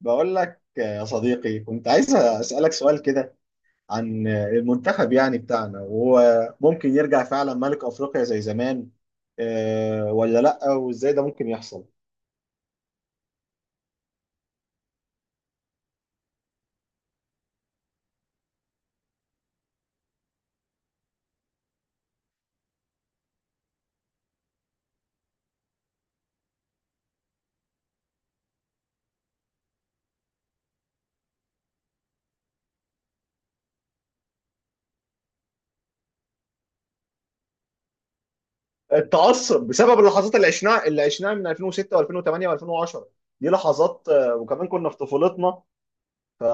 بقول لك يا صديقي، كنت عايز أسألك سؤال كده عن المنتخب يعني بتاعنا. وهو ممكن يرجع فعلا ملك أفريقيا زي زمان، آه، ولا لأ؟ وإزاي ده ممكن يحصل؟ التعصب بسبب اللحظات اللي عشناها من 2006 و2008 و2010. دي لحظات، وكمان كنا في طفولتنا. ف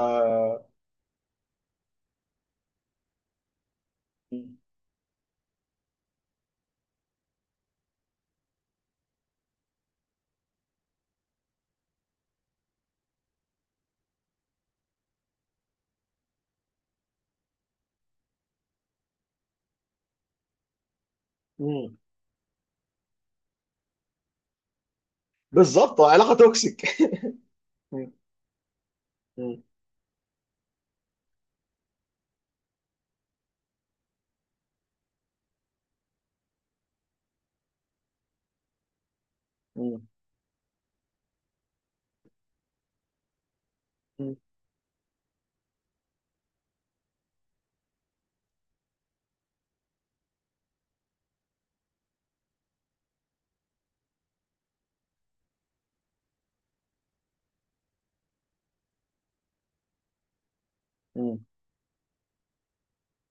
مم. بالظبط، علاقة توكسيك. مم. مم. مم. مم. مم.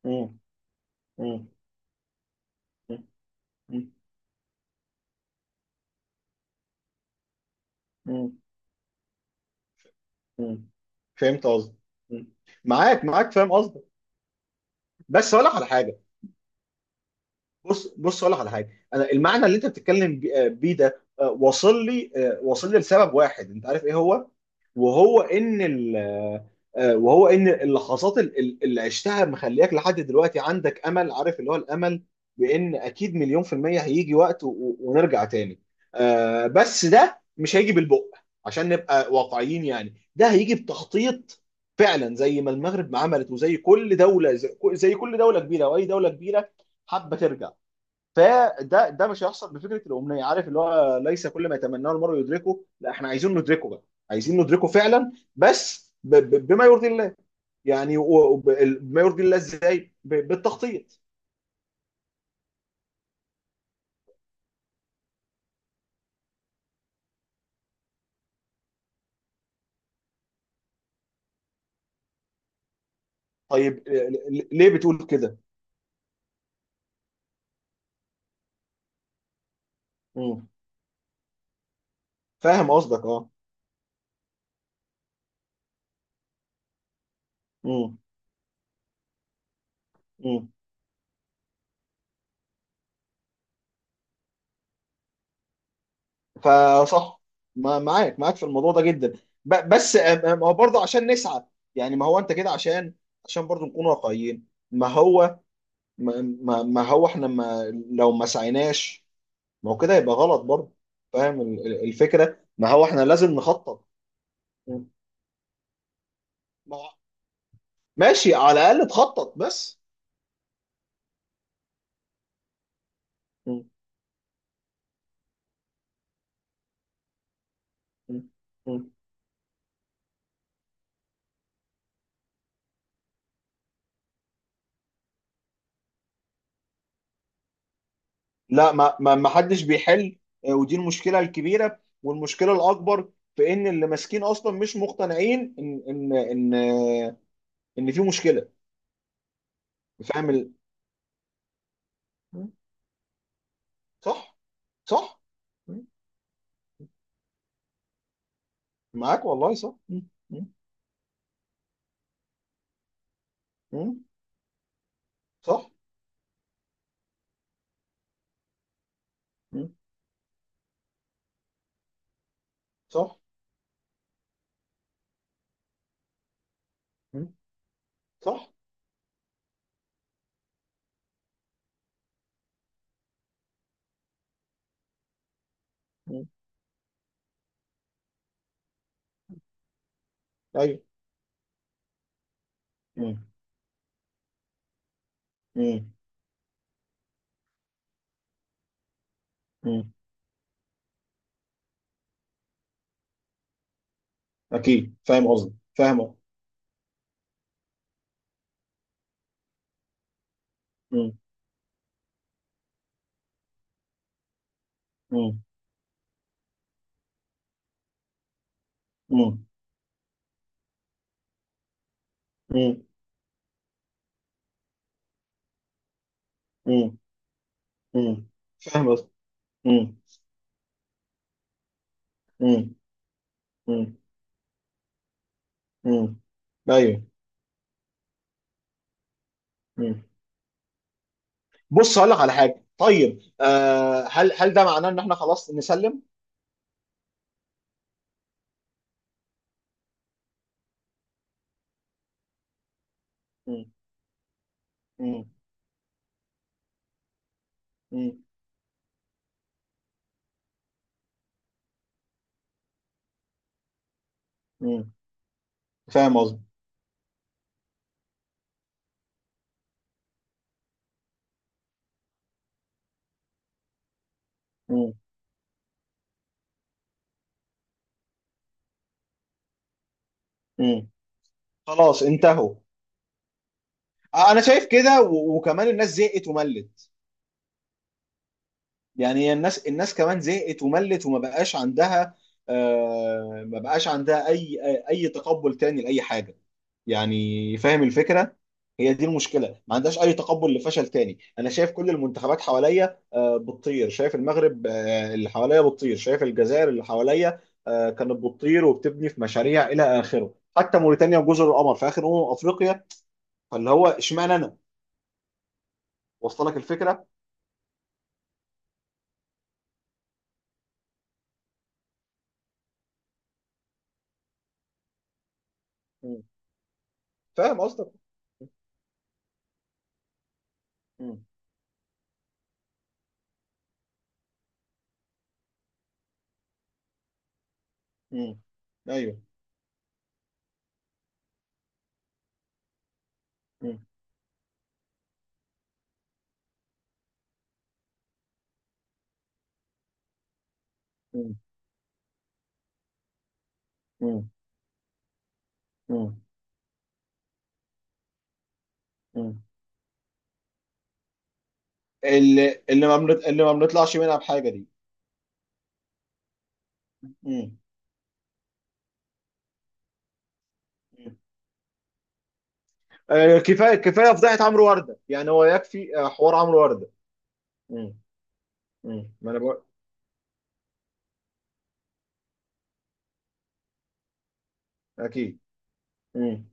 مم. مم. مم. مم. فهمت قصدك. مم. معاك فاهم قصدك. بس هقول لك على حاجه. بص هقول لك على حاجه. انا المعنى اللي انت بتتكلم بيه ده، واصل لي لسبب واحد، انت عارف ايه هو. وهو ان ال وهو ان اللحظات اللي عشتها مخلياك لحد دلوقتي عندك امل، عارف اللي هو الامل، بان اكيد مليون في المية هيجي وقت ونرجع تاني. بس ده مش هيجي بالبق، عشان نبقى واقعيين يعني. ده هيجي بتخطيط فعلا، زي ما المغرب ما عملت، وزي كل دولة، زي كل دولة كبيرة، واي دولة كبيرة حابة ترجع. فده مش هيحصل بفكره الامنيه، عارف اللي هو ليس كل ما يتمناه المرء يدركه. لا، احنا عايزين ندركه بقى. عايزين ندركه فعلا، بس بما يرضي الله. يعني بما يرضي الله ازاي؟ بالتخطيط. طيب، آه، ليه بتقول كده؟ مم. فاهم قصدك، اه. مم. مم. فصح. معاك في الموضوع ده جدا. بس هو برضه عشان نسعى. يعني، ما هو انت كده، عشان عشان برضه نكون واقعيين. ما هو ما هو احنا، ما لو ما سعيناش، ما هو كده يبقى غلط برضه. فاهم الفكرة، ما هو احنا لازم نخطط. م. ما هو- ماشي، على الأقل تخطط بس. م. م. م. لا، ما حدش بيحل. ودي المشكلة الكبيرة، والمشكلة الأكبر في إن اللي ماسكين أصلا مش مقتنعين إن إن في مشكلة. فاهم ال... م. صح. صح. م. معاك والله، صح. م. م. م. صح. م. صح. م. صح. م. أيوه. م. م. اكيد فاهم قصدي، فاهم. مم. مم. مم. مم. مم. مم. فاهم قصدي. مم. مم. مم. مم. ايوه. مم. بص هقول لك على حاجه. طيب آه، هل ده معناه ان احنا خلاص نسلم؟ مم. مم. مم. مم. فاهم قصدي. مم. مم. خلاص انتهوا. انا شايف كده، وكمان الناس زهقت وملت. يعني الناس كمان زهقت وملت، وما بقاش عندها آه، ما بقاش عندها اي اي تقبل تاني لاي حاجه. يعني فاهم الفكره، هي دي المشكله، ما عندهاش اي تقبل لفشل تاني. انا شايف كل المنتخبات حواليا آه، بتطير، شايف المغرب، آه، اللي حواليا بتطير، شايف الجزائر اللي حواليا، آه، كانت بتطير وبتبني في مشاريع الى اخره، حتى موريتانيا وجزر القمر في اخر افريقيا. فاللي هو اشمعنى انا؟ وصل لك الفكره. مم. فاهم قصدك. مم. مم. ايوه. مم. مم. مم. مم. مم. اللي ما بنطلعش منها بحاجه دي. مم. آه، كفايه فضيحه عمرو ورده. يعني هو يكفي آه، حوار عمرو ورده. مم. مم. ما انا بقول. اكيد. مم.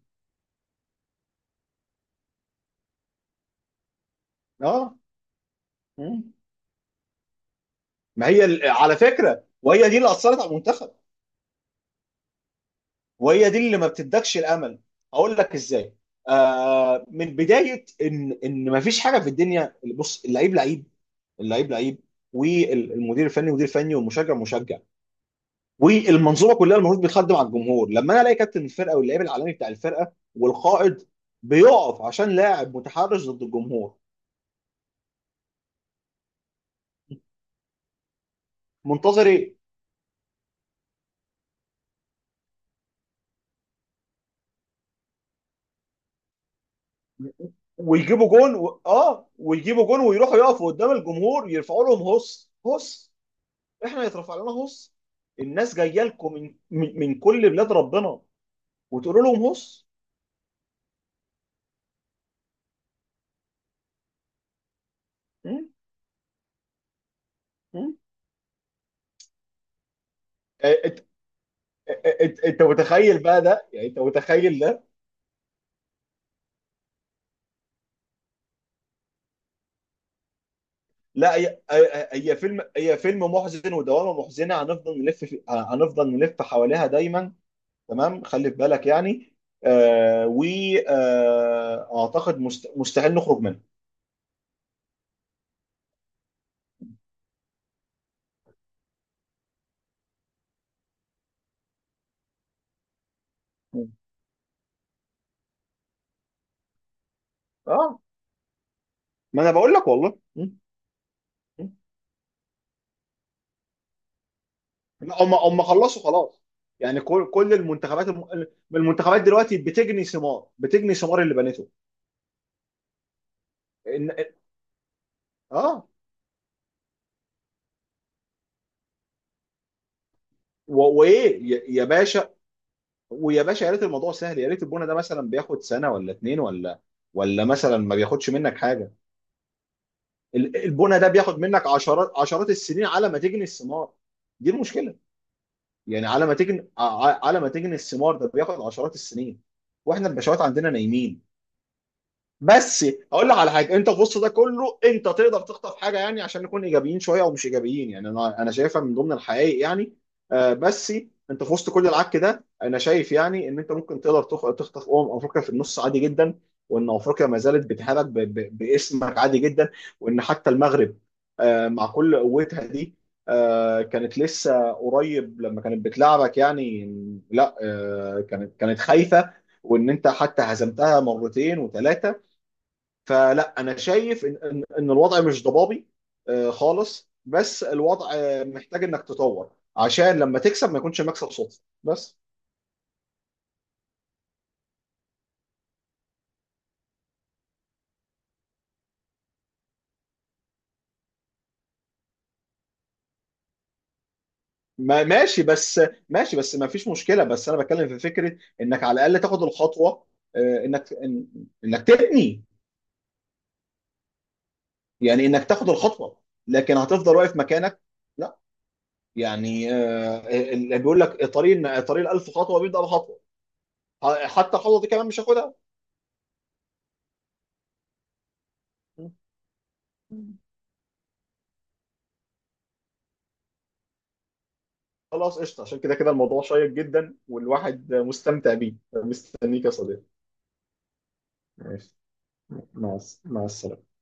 اه. مم. ما هي على فكره، وهي دي اللي اثرت على المنتخب، وهي دي اللي ما بتدكش الامل. اقول لك ازاي، آه، من بدايه ان ما فيش حاجه في الدنيا. بص، اللعيب لعيب. اللعيب لعيب والمدير الفني مدير فني، والمشجع مشجع، والمنظومه كلها المفروض بتخدم على الجمهور. لما انا الاقي كابتن الفرقه واللاعب العالمي بتاع الفرقه والقائد بيقف عشان لاعب متحرش ضد الجمهور، منتظر ايه؟ ويجيبوا جون ويروحوا يقفوا قدام الجمهور يرفعوا لهم هص هص. احنا يترفع لنا هص؟ الناس جايه لكم من كل بلاد ربنا وتقولوا لهم هص. م? م? انت، أنت متخيل بقى ده، يعني انت متخيل ده. لا، هي فيلم محزن ودوامه محزنه، هنفضل نلف حواليها دايما. تمام، خلي في بالك يعني، آه، واعتقد مستحيل نخرج منها. مم. اه، ما انا بقول لك والله. مم. مم. لا، هم خلصوا خلاص. يعني كل المنتخبات المنتخبات دلوقتي بتجني ثمار، بتجني ثمار اللي بنته. إن... اه. و... وايه يا باشا؟ ويا باشا، يا ريت الموضوع سهل، يا ريت البونه ده مثلا بياخد سنه ولا اتنين، ولا ولا مثلا ما بياخدش منك حاجه. البونه ده بياخد منك عشرات، عشرات السنين على ما تجني الثمار. دي المشكله. يعني على ما تجني، على ما تجني الثمار، ده بياخد عشرات السنين، واحنا البشوات عندنا نايمين. بس اقول لك على حاجه، انت في وسط ده كله انت تقدر تخطف حاجه. يعني عشان نكون ايجابيين شويه، او مش ايجابيين يعني. انا شايفها من ضمن الحقائق يعني. آه، بس انت في وسط كل العك ده، انا شايف يعني ان انت ممكن تقدر تخطف افريقيا في النص عادي جدا. وان افريقيا ما زالت بتهابك، باسمك عادي جدا. وان حتى المغرب، آه، مع كل قوتها دي، آه، كانت لسه قريب لما كانت بتلعبك يعني، لا آه، كانت خايفه. وان انت حتى هزمتها مرتين وثلاثه. فلا انا شايف ان ان إن الوضع مش ضبابي آه، خالص. بس الوضع آه، محتاج انك تطور، عشان لما تكسب ما يكونش مكسب صدفه بس. ما ماشي بس، ماشي بس ما فيش مشكله. بس انا بتكلم في فكره انك على الاقل تاخد الخطوه، آه، انك تبني. يعني انك تاخد الخطوه، لكن هتفضل واقف مكانك؟ لا. يعني آه، اللي بيقول لك طريق الألف خطوه بيبدا بخطوه. حتى الخطوه دي كمان مش هاخدها. خلاص قشطة، عشان كده الموضوع شيق جدا والواحد مستمتع بيه. مستنيك يا صديقي. ماشي. مع السلامة.